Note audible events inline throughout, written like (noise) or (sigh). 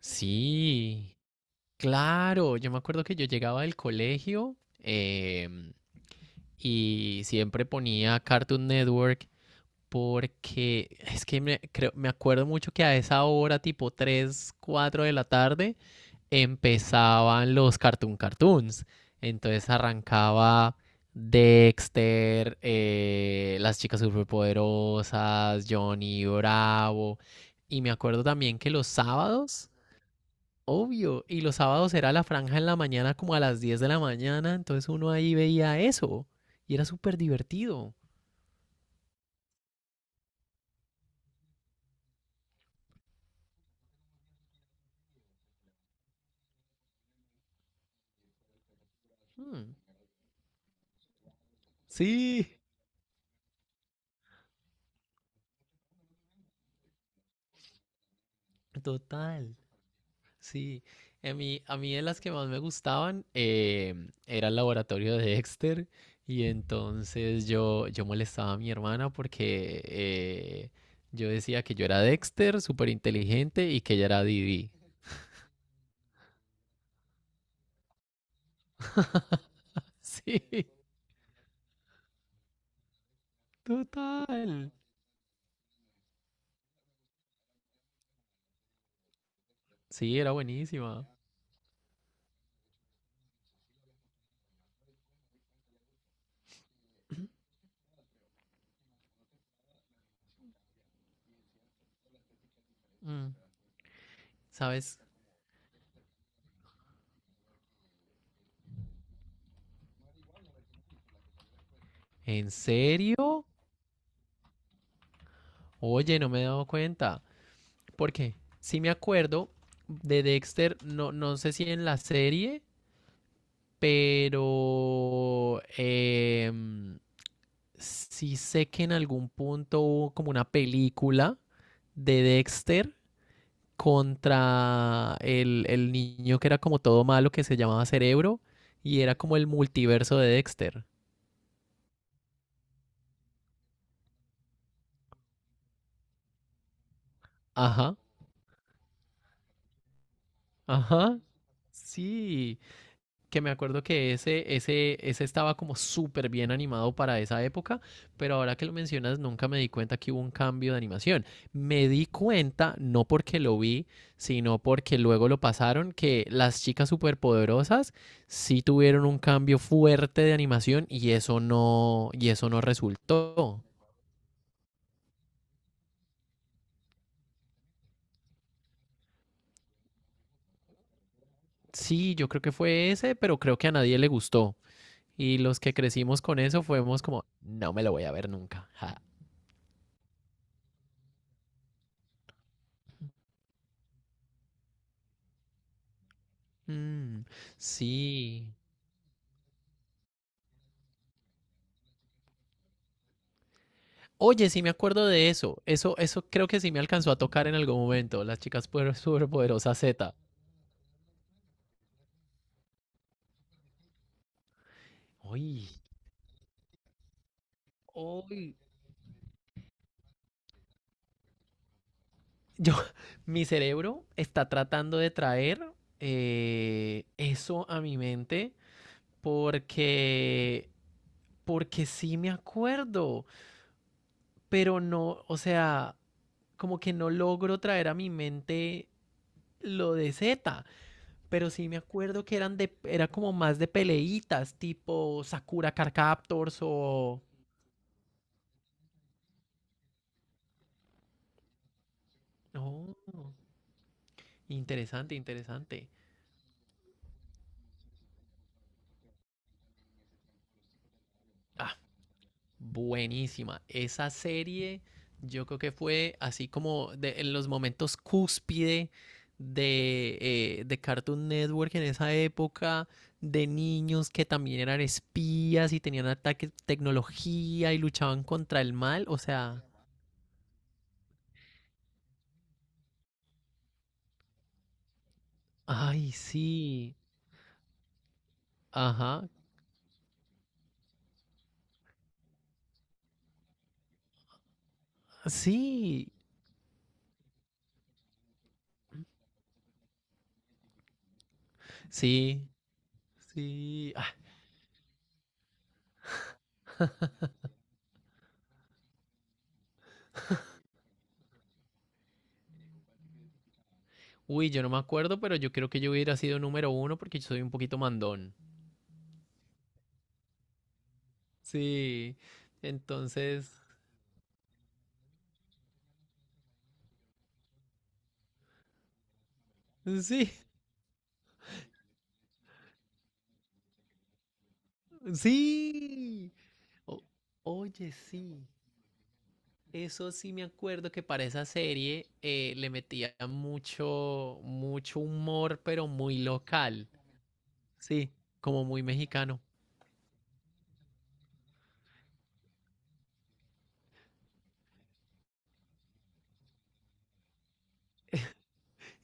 Sí, claro. Yo me acuerdo que yo llegaba del colegio y siempre ponía Cartoon Network porque es que creo, me acuerdo mucho que a esa hora, tipo 3 4 de la tarde, empezaban los Cartoon Cartoons. Entonces arrancaba Dexter, las chicas superpoderosas, Johnny Bravo. Y me acuerdo también que los sábados, obvio, y los sábados era la franja en la mañana como a las 10 de la mañana, entonces uno ahí veía eso y era súper divertido. Hmm, sí, total. Sí, a mí de las que más me gustaban era el laboratorio de Dexter y entonces yo molestaba a mi hermana porque yo decía que yo era Dexter, súper inteligente y que ella era Didi. (laughs) Sí, total. Sí, era buenísima. Mm, ¿sabes? ¿En serio? Oye, no me he dado cuenta. ¿Por qué? Sí me acuerdo de Dexter, no, no sé si en la serie, pero sí sé que en algún punto hubo como una película de Dexter contra el niño que era como todo malo que se llamaba Cerebro y era como el multiverso de Dexter. Ajá, ajá, sí. Que me acuerdo que ese estaba como súper bien animado para esa época, pero ahora que lo mencionas, nunca me di cuenta que hubo un cambio de animación. Me di cuenta, no porque lo vi, sino porque luego lo pasaron, que las chicas superpoderosas sí tuvieron un cambio fuerte de animación y eso no resultó. Sí, yo creo que fue ese, pero creo que a nadie le gustó. Y los que crecimos con eso fuimos como, no me lo voy a ver nunca. Ja. Mm, sí. Oye, sí me acuerdo de eso. Eso creo que sí me alcanzó a tocar en algún momento. Las chicas superpoderosas Z. Uy, yo, (laughs) mi cerebro está tratando de traer eso a mi mente porque, porque sí me acuerdo, pero no, o sea, como que no logro traer a mi mente lo de Z, pero sí me acuerdo que era como más de peleitas, tipo Sakura Card Captors o oh, interesante, interesante. Ah, buenísima. Esa serie yo creo que fue así como en los momentos cúspide de, de Cartoon Network en esa época, de niños que también eran espías y tenían ataques de tecnología y luchaban contra el mal. O sea, ay, sí. Ajá. Sí. Sí. Sí. Uy, yo no me acuerdo, pero yo creo que yo hubiera sido número uno porque yo soy un poquito mandón. Sí, entonces, sí, sí. O- Oye, sí. Eso sí me acuerdo que para esa serie le metía mucho, mucho humor, pero muy local. Sí, como muy mexicano.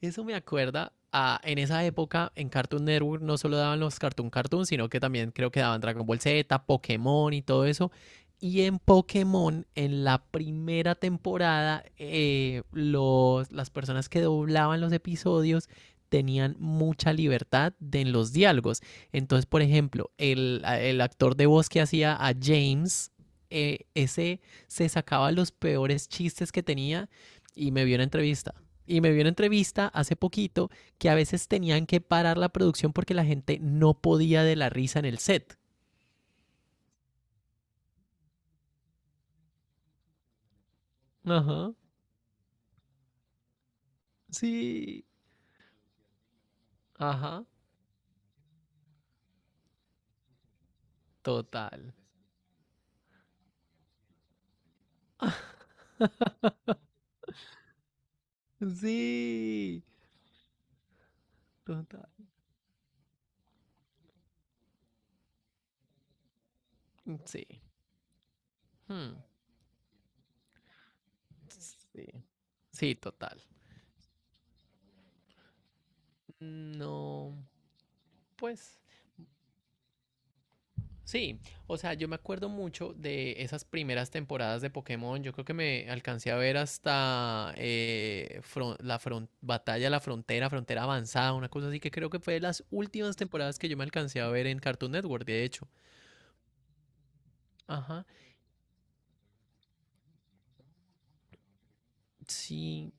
Eso me acuerda en esa época en Cartoon Network no solo daban los Cartoon Cartoon, sino que también creo que daban Dragon Ball Z, Pokémon y todo eso. Y en Pokémon, en la primera temporada, las personas que doblaban los episodios tenían mucha libertad en los diálogos. Entonces, por ejemplo, el actor de voz que hacía a James, ese se sacaba los peores chistes que tenía y me vio una entrevista y me vio una entrevista hace poquito, que a veces tenían que parar la producción porque la gente no podía de la risa en el set. Ajá, sí, ajá, total. Sí, total. Sí, hmm, sí, sí, total. No, pues sí, o sea, yo me acuerdo mucho de esas primeras temporadas de Pokémon. Yo creo que me alcancé a ver hasta la Batalla de la Frontera, Frontera Avanzada, una cosa así, que creo que fue de las últimas temporadas que yo me alcancé a ver en Cartoon Network, de hecho. Ajá, sí.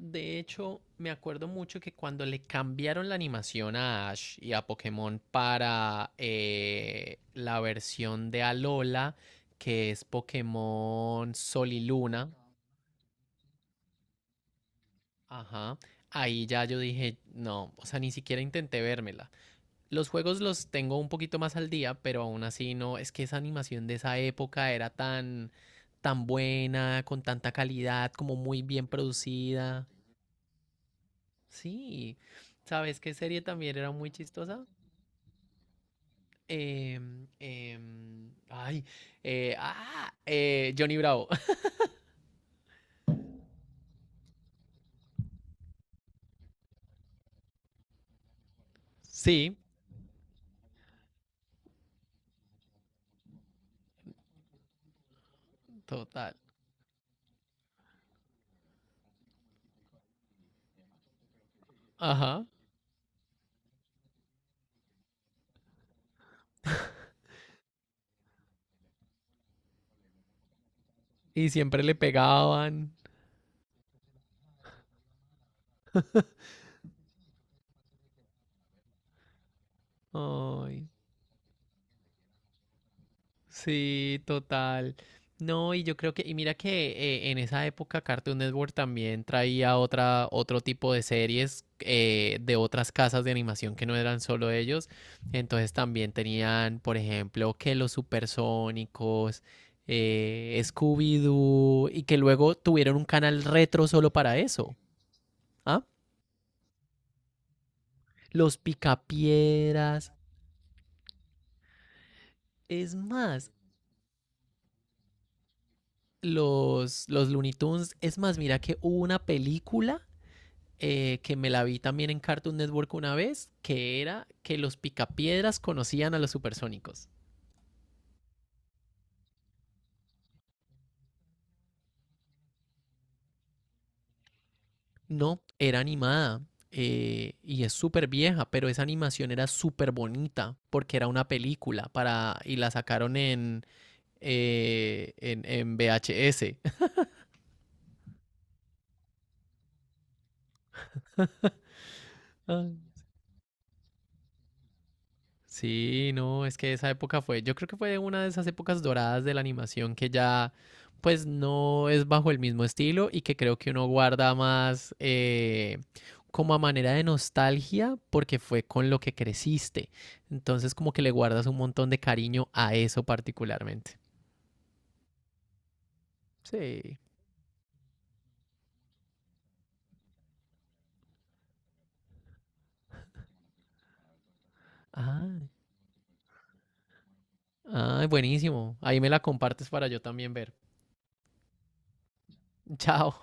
De hecho, me acuerdo mucho que cuando le cambiaron la animación a Ash y a Pokémon para la versión de Alola, que es Pokémon Sol y Luna. Ajá. Ahí ya yo dije, no, o sea, ni siquiera intenté vérmela. Los juegos los tengo un poquito más al día, pero aún así no, es que esa animación de esa época era tan, tan buena, con tanta calidad, como muy bien producida. Sí. ¿Sabes qué serie también era muy chistosa? Ay, ah, Johnny Bravo. (laughs) Sí, total. Ajá. Y siempre le pegaban. Ay. Sí, total. No, y yo creo que, y mira que en esa época Cartoon Network también traía otro tipo de series de otras casas de animación que no eran solo ellos. Entonces también tenían, por ejemplo, que los supersónicos, Scooby-Doo, y que luego tuvieron un canal retro solo para eso. ¿Ah? Los Picapiedras. Es más, los Looney Tunes. Es más, mira que hubo una película que me la vi también en Cartoon Network una vez, que era que los picapiedras conocían a los supersónicos. No, era animada. Y es súper vieja, pero esa animación era súper bonita porque era una película y la sacaron en, en VHS. (laughs) Ay. Sí, no, es que esa época fue, yo creo que fue una de esas épocas doradas de la animación que ya pues no es bajo el mismo estilo y que creo que uno guarda más como a manera de nostalgia porque fue con lo que creciste. Entonces como que le guardas un montón de cariño a eso particularmente. Sí. Ah, ah, buenísimo. Ahí me la compartes para yo también ver. (laughs) Chao.